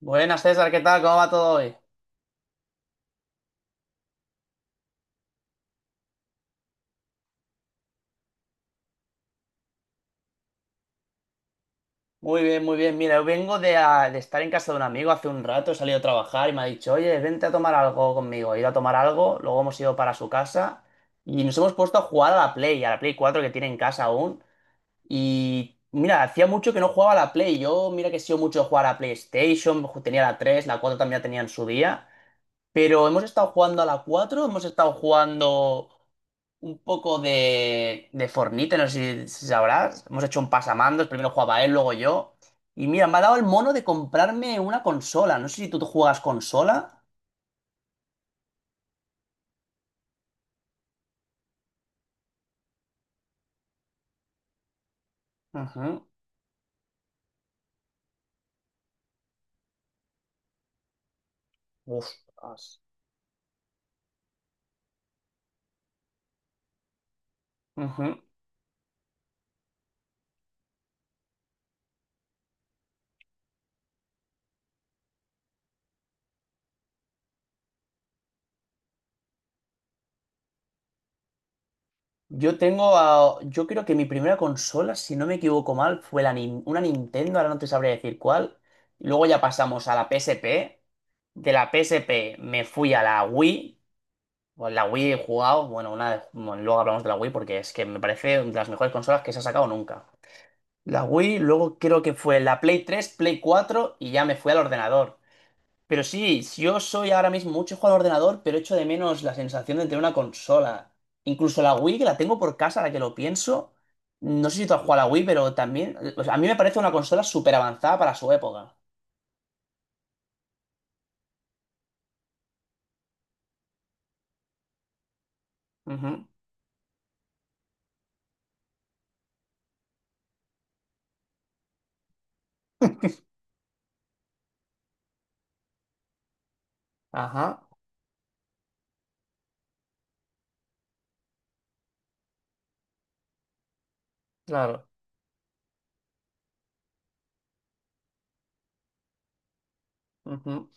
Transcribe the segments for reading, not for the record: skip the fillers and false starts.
Buenas, César, ¿qué tal? ¿Cómo va todo hoy? Muy bien, muy bien. Mira, yo vengo de estar en casa de un amigo hace un rato, he salido a trabajar y me ha dicho, oye, vente a tomar algo conmigo. He ido a tomar algo, luego hemos ido para su casa y nos hemos puesto a jugar a la Play 4 que tiene en casa aún. Y mira, hacía mucho que no jugaba a la Play. Yo, mira que he sido mucho de jugar a PlayStation, tenía la 3, la 4 también la tenía en su día. Pero hemos estado jugando a la 4 hemos estado jugando un poco de Fortnite, no sé si sabrás. Hemos hecho un pasamandos, primero jugaba él, luego yo. Y mira, me ha dado el mono de comprarme una consola. No sé si tú juegas consola. Ujú. Ostras. Ujú. Yo creo que mi primera consola, si no me equivoco mal, fue la una Nintendo, ahora no te sabría decir cuál. Luego ya pasamos a la PSP. De la PSP me fui a la Wii. Bueno, la Wii he jugado, bueno, luego hablamos de la Wii porque es que me parece de las mejores consolas que se ha sacado nunca. La Wii, luego creo que fue la Play 3 Play 4 y ya me fui al ordenador. Pero sí, yo soy ahora mismo mucho juego al ordenador, pero echo de menos la sensación de tener una consola. Incluso la Wii, que la tengo por casa, ahora que lo pienso, no sé si tú has jugado a la Wii, pero también, o sea, a mí me parece una consola súper avanzada para su época. Ujú. Ajá, claro. Ujú.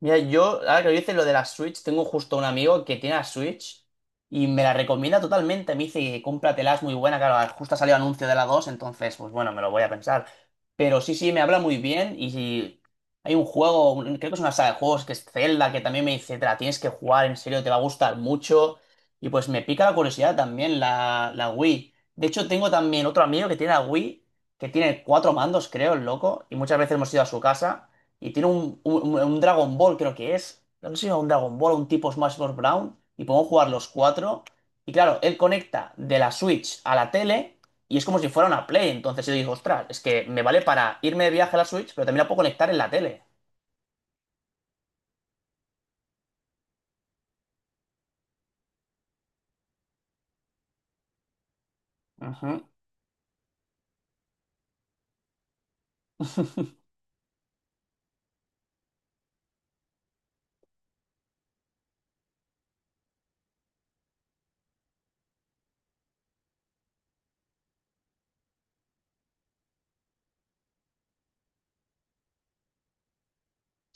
Mira, yo, ahora que lo dices lo de la Switch, tengo justo un amigo que tiene la Switch y me la recomienda totalmente. Me dice, cómpratela, es muy buena. Claro, justo ha salido anuncio de la 2 entonces, pues bueno, me lo voy a pensar. Pero sí, sí, me habla muy bien y si hay un juego, creo que es una saga de juegos, que es Zelda, que también me dice, te la tienes que jugar, en serio, te va a gustar mucho. Y pues me pica la curiosidad también, la Wii. De hecho, tengo también otro amigo que tiene la Wii, que tiene cuatro mandos, creo, el loco, y muchas veces hemos ido a su casa. Y tiene un Dragon Ball, creo que es. No sé si es un Dragon Ball o un tipo Smash Bros. Brown. Y podemos jugar los cuatro. Y claro, él conecta de la Switch a la tele. Y es como si fuera una Play. Entonces yo digo, ostras, es que me vale para irme de viaje a la Switch, pero también la puedo conectar en la tele. Ujú.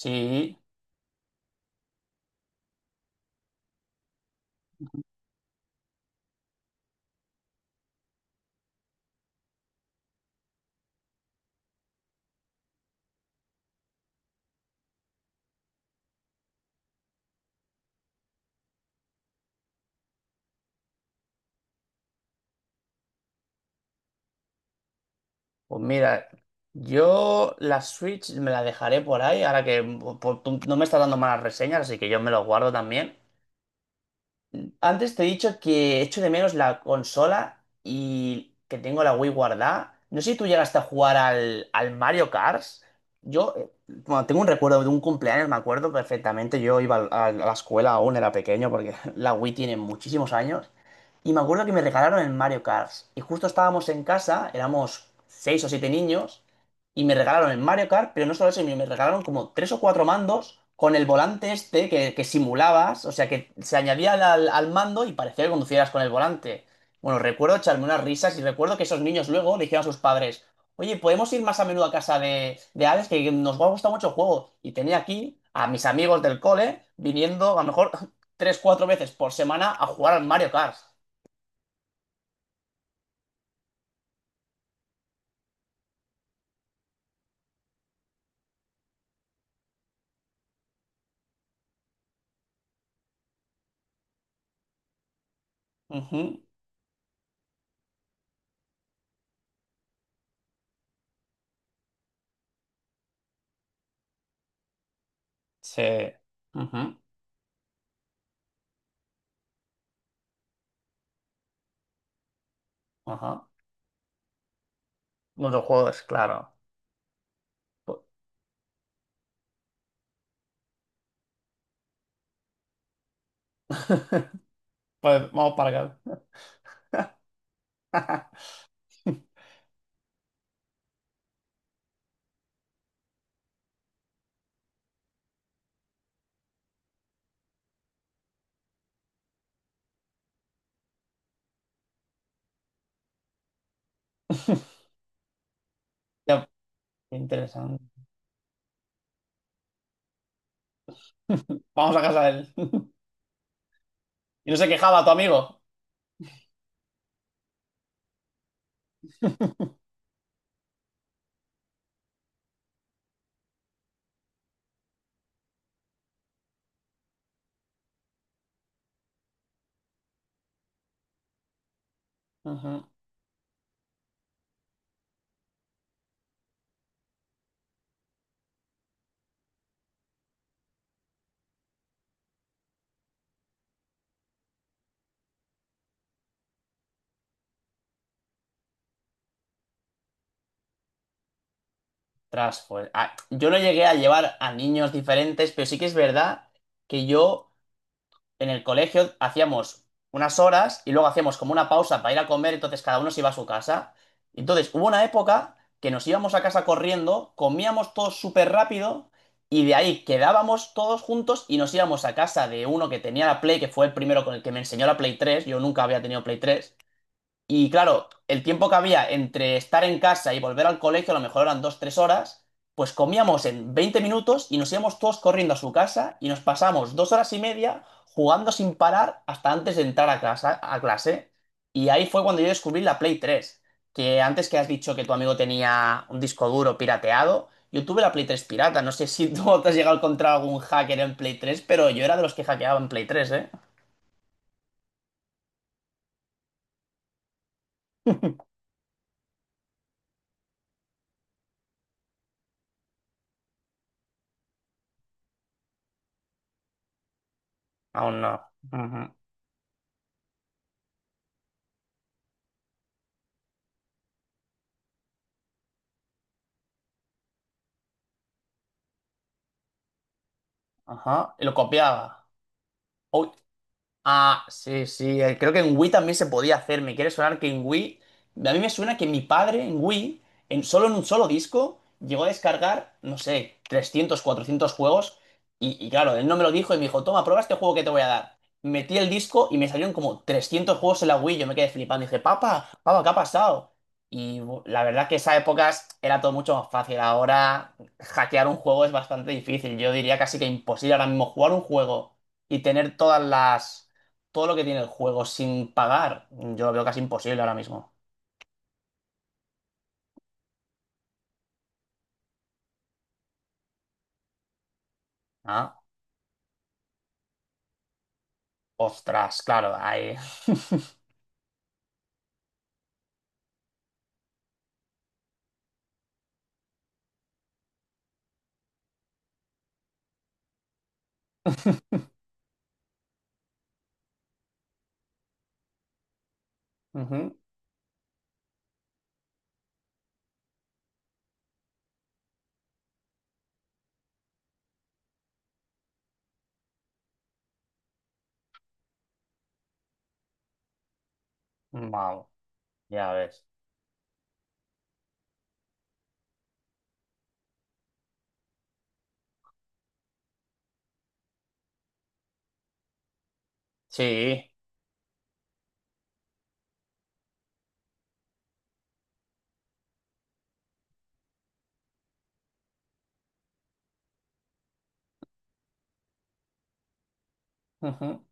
Sí, pues mira, yo la Switch me la dejaré por ahí, ahora que tú no me estás dando malas reseñas, así que yo me lo guardo también. Antes te he dicho que echo de menos la consola y que tengo la Wii guardada. No sé si tú llegaste a jugar al Mario Kart. Yo, bueno, tengo un recuerdo de un cumpleaños, me acuerdo perfectamente. Yo iba a la escuela aún, era pequeño, porque la Wii tiene muchísimos años. Y me acuerdo que me regalaron el Mario Kart. Y justo estábamos en casa, éramos seis o siete niños y me regalaron el Mario Kart, pero no solo eso, sino me regalaron como tres o cuatro mandos con el volante este que simulabas, o sea, que se añadía al mando y parecía que conducieras con el volante. Bueno, recuerdo echarme unas risas y recuerdo que esos niños luego le dijeron a sus padres, oye, ¿podemos ir más a menudo a casa de Alex? Que nos va a gustar mucho el juego. Y tenía aquí a mis amigos del cole viniendo a lo mejor tres, cuatro veces por semana a jugar al Mario Kart. Ujú. Sí. Ujú. Ajá. Los juegos, claro. Pu- Pues vamos para acá. Ya, qué interesante. Vamos a casa de él. Y no se quejaba tu amigo. Ujú. Tras, pues. Ah, yo no llegué a llevar a niños diferentes, pero sí que es verdad que yo en el colegio hacíamos unas horas y luego hacíamos como una pausa para ir a comer, entonces cada uno se iba a su casa. Entonces hubo una época que nos íbamos a casa corriendo, comíamos todos súper rápido y de ahí quedábamos todos juntos y nos íbamos a casa de uno que tenía la Play, que fue el primero con el que me enseñó la Play 3, yo nunca había tenido Play 3. Y claro, el tiempo que había entre estar en casa y volver al colegio, a lo mejor eran dos, tres horas, pues comíamos en 20 minutos y nos íbamos todos corriendo a su casa y nos pasamos 2 horas y media jugando sin parar hasta antes de entrar a casa, a clase. Y ahí fue cuando yo descubrí la Play tres, que antes que has dicho que tu amigo tenía un disco duro pirateado, yo tuve la Play 3 pirata. No sé si tú te has llegado a encontrar algún hacker en Play tres, pero yo era de los que hackeaban Play tres, ¿eh? Aún no. Ujú. Ajá. Y lo copiaba. Uy, ah, sí, sí, creo que en Wii también se podía hacer. Me quiere sonar que en Wii. A mí me suena que mi padre en Wii, solo en un solo disco, llegó a descargar, no sé, 300, 400 juegos. Y claro, él no me lo dijo y me dijo, toma, prueba este juego que te voy a dar. Metí el disco y me salieron como 300 juegos en la Wii. Yo me quedé flipando. Dije, papá, papá, ¿qué ha pasado? Y la verdad que esas épocas era todo mucho más fácil. Ahora, hackear un juego es bastante difícil. Yo diría casi que imposible ahora mismo jugar un juego y tener todas las todo lo que tiene el juego sin pagar, yo lo veo casi imposible ahora mismo. Ah, ostras, claro, ahí. Ujú. Vamos, ya ves. Sí. Ujú.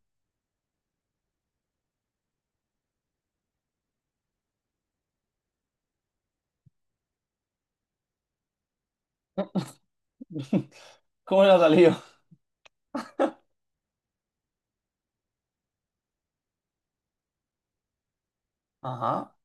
¿Cómo le ha salido? Ajá.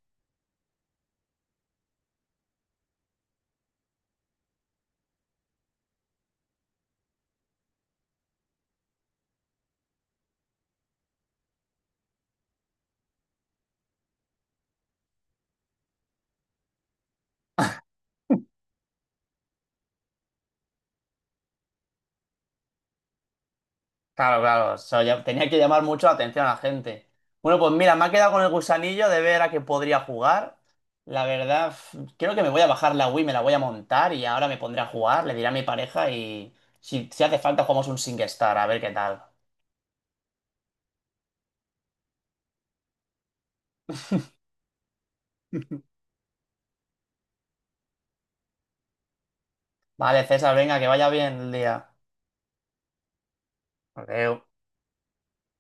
Claro, claro. Eso tenía que llamar mucho la atención a la gente. Bueno, pues mira, me ha quedado con el gusanillo de ver a qué podría jugar. La verdad, creo que me voy a bajar la Wii, me la voy a montar y ahora me pondré a jugar, le diré a mi pareja y si hace falta jugamos un SingStar, a ver qué tal. Vale, César, venga, que vaya bien el día. Adeu.